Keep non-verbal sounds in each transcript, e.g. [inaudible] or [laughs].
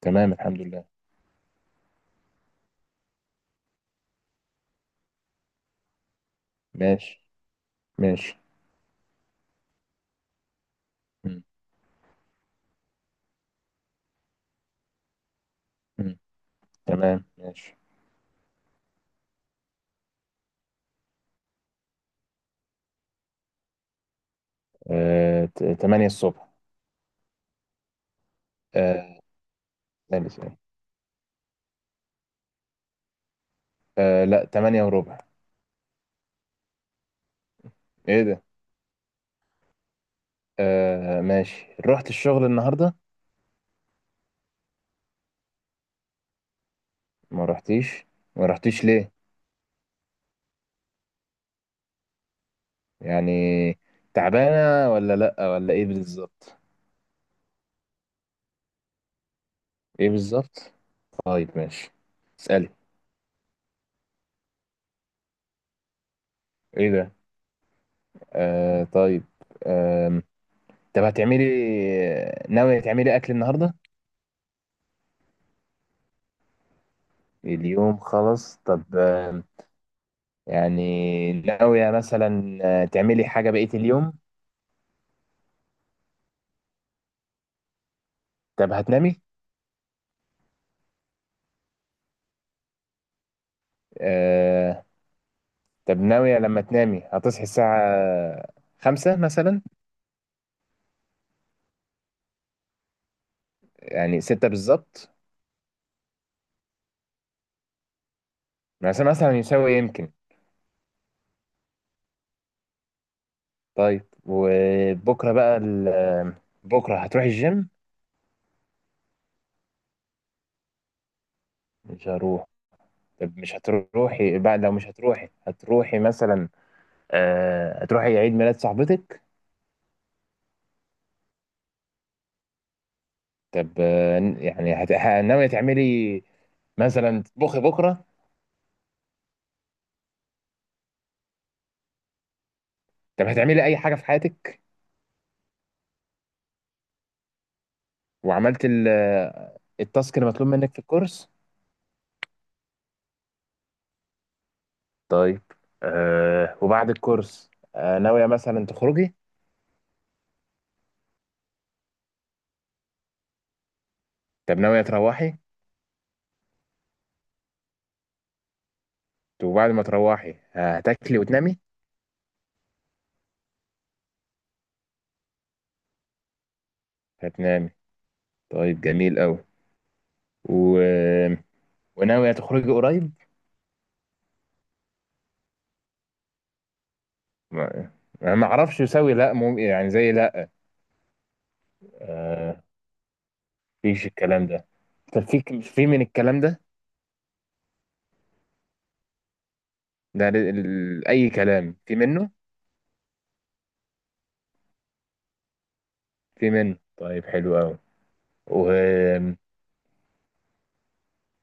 تمام الحمد لله. ماشي ماشي. مم. مم. تمام ماشي. تمانية الصبح. آه، ثالث إيه؟ لا تمانية وربع. ايه ده. ماشي رحت الشغل النهاردة. ما رحتيش. ما رحتيش ليه؟ يعني تعبانة ولا لأ ولا ايه بالظبط؟ ايه بالظبط. طيب ماشي، اسألي. ايه ده. طيب. آم، طب هتعملي، ناوية تعملي أكل النهاردة؟ اليوم خلاص طب، يعني ناوية مثلا تعملي حاجة بقية اليوم؟ طب هتنامي؟ آه. طب ناوية لما تنامي هتصحي الساعة خمسة مثلا؟ يعني ستة بالظبط؟ مثلا يساوي يمكن. طيب وبكرة بقى بكرة هتروحي الجيم؟ مش هروح. طب مش هتروحي بقى؟ لو مش هتروحي هتروحي مثلا هتروحي عيد ميلاد صاحبتك؟ طب يعني ناوية تعملي مثلا تطبخي بكرة؟ طب هتعملي أي حاجة في حياتك؟ وعملت التاسك اللي مطلوب منك في الكورس؟ طيب. وبعد الكورس ناوية مثلا تخرجي؟ طب ناوية تروحي؟ طب وبعد ما تروحي هتاكلي وتنامي؟ هتنامي؟ طيب جميل قوي. و... وناوية تخرجي قريب؟ ما أنا ما اعرفش يساوي لا، يعني زي لا. آه فيش الكلام ده. طب في من الكلام ده. ده اي كلام في منه؟ في منه. طيب حلو قوي.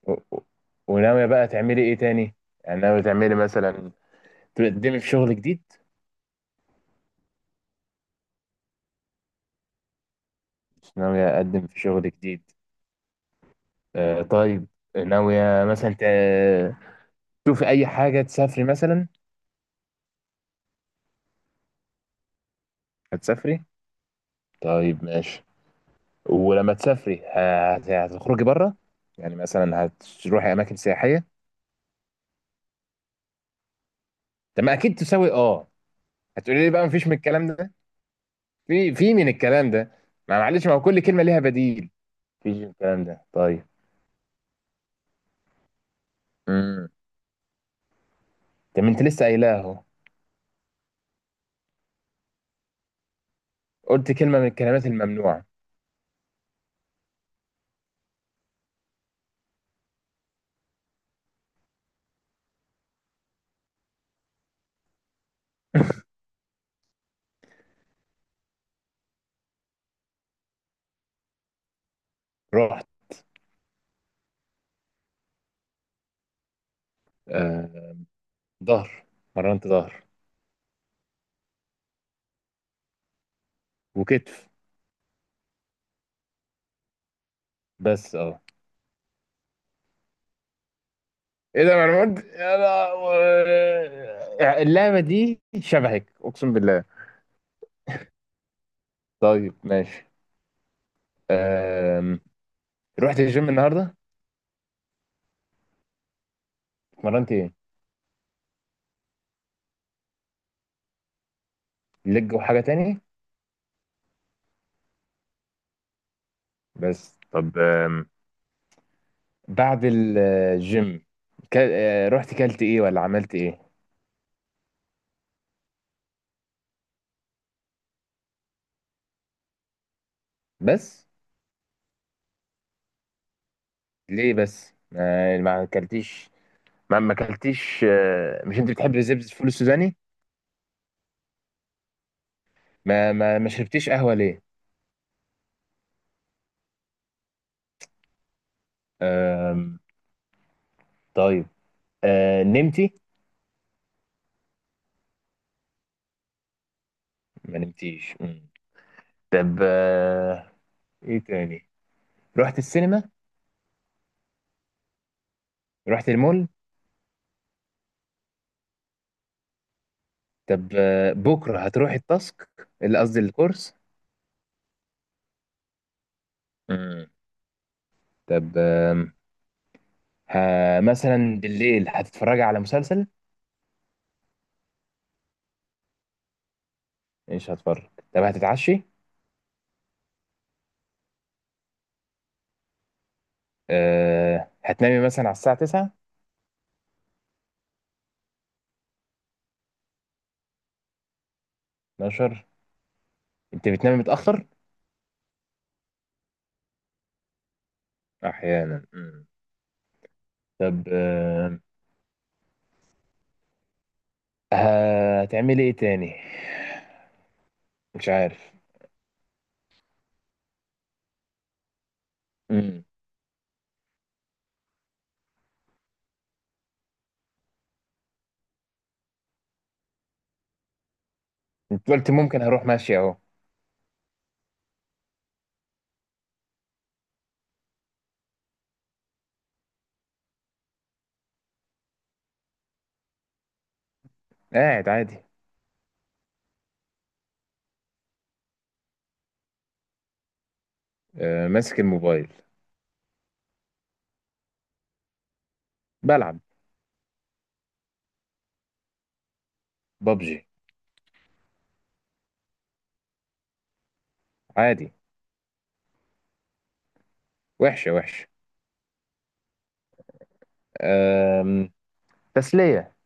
و- و- وناوية بقى تعملي ايه تاني؟ يعني ناوية تعملي مثلا تقدمي في شغل جديد؟ مش ناوية اقدم في شغل جديد. طيب. ناوية مثلا تشوفي اي حاجة، تسافري مثلا؟ هتسافري. طيب ماشي. ولما تسافري هتخرجي بره؟ يعني مثلا هتروحي اماكن سياحية؟ طب ما اكيد تساوي اه. هتقولي لي بقى مفيش من الكلام ده. في من الكلام ده. ما معلش، ما هو كل كلمة ليها بديل. مفيش من الكلام ده طيب. امم. طب ما انت لسه قايلاه اهو. قلت كلمة من الكلمات الممنوعة. [laughs] رحت. آه، ظهر، مرنت ظهر وكتف بس اه. ايه ده، ما انا قلت يا لهوي. اللعبة دي شبهك اقسم بالله. طيب ماشي. آم. رحت الجيم النهاردة. اتمرنت ايه؟ لج وحاجة تانية؟ بس. طب بعد الجيم، رحت كلت ايه ولا عملت ايه؟ بس؟ ليه بس؟ ما اكلتيش؟ ما اكلتيش، مش انت بتحب الزبز الفول السوداني؟ ما شربتيش قهوة ليه؟ أم... طيب. نمتي؟ ما نمتيش. مم. طب ايه تاني؟ رحت السينما؟ رحت المول؟ طب بكرة هتروحي التاسك؟ اللي قصدي الكورس؟ مم. طب ه... مثلا بالليل هتتفرجي على مسلسل؟ مش هتفرج. طب هتتعشي؟ هتنامي مثلا على الساعة 9؟ 12. انت بتنامي متأخر؟ أحيانا. مم. طب هتعملي ايه تاني؟ مش عارف. امم. انت قلت ممكن هروح ماشي اهو. قاعد عادي. آه ماسك الموبايل. بلعب. ببجي. عادي. وحشه وحشه. آم، تسليه،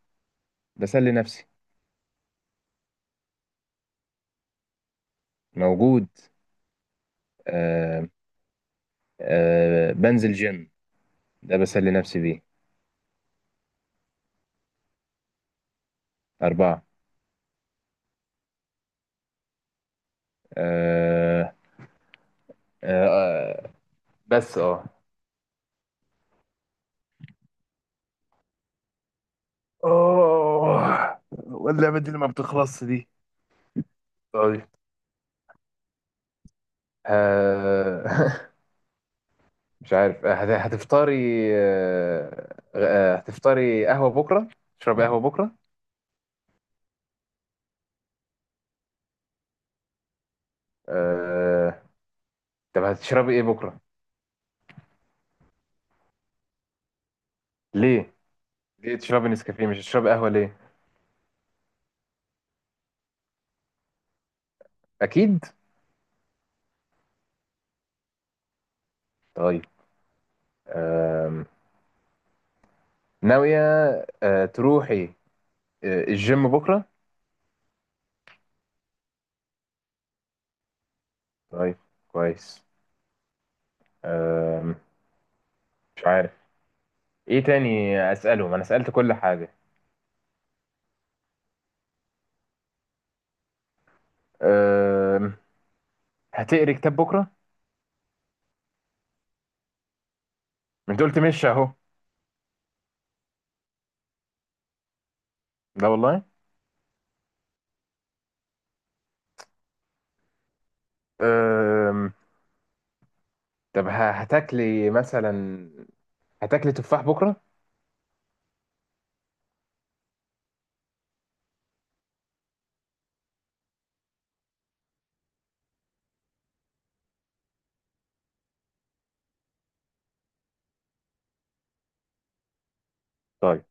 بسلي نفسي. موجود. آه. آه بنزل جيم، ده بسلي نفسي بيه. أربعة. آه آه آه بس اه. اوه، واللعبة دي اللي ما بتخلصش دي. طيب. آه [laughs] مش عارف. هتفطري، آه، هتفطري قهوة بكرة؟ تشربي قهوة بكرة؟ آه، طب هتشربي ايه بكرة؟ ليه ليه تشربي نسكافيه؟ مش هتشربي قهوة ليه؟ اكيد. طيب. آم، ناوية تروحي الجيم بكرة؟ طيب كويس. آم، مش عارف ايه تاني اسأله، ما انا سألت كل حاجة. آم، هتقري كتاب بكرة؟ ما انت قلت مش اهو. لا والله. آم، طب هتاكلي مثلا، هتاكلي تفاح بكره؟ طيب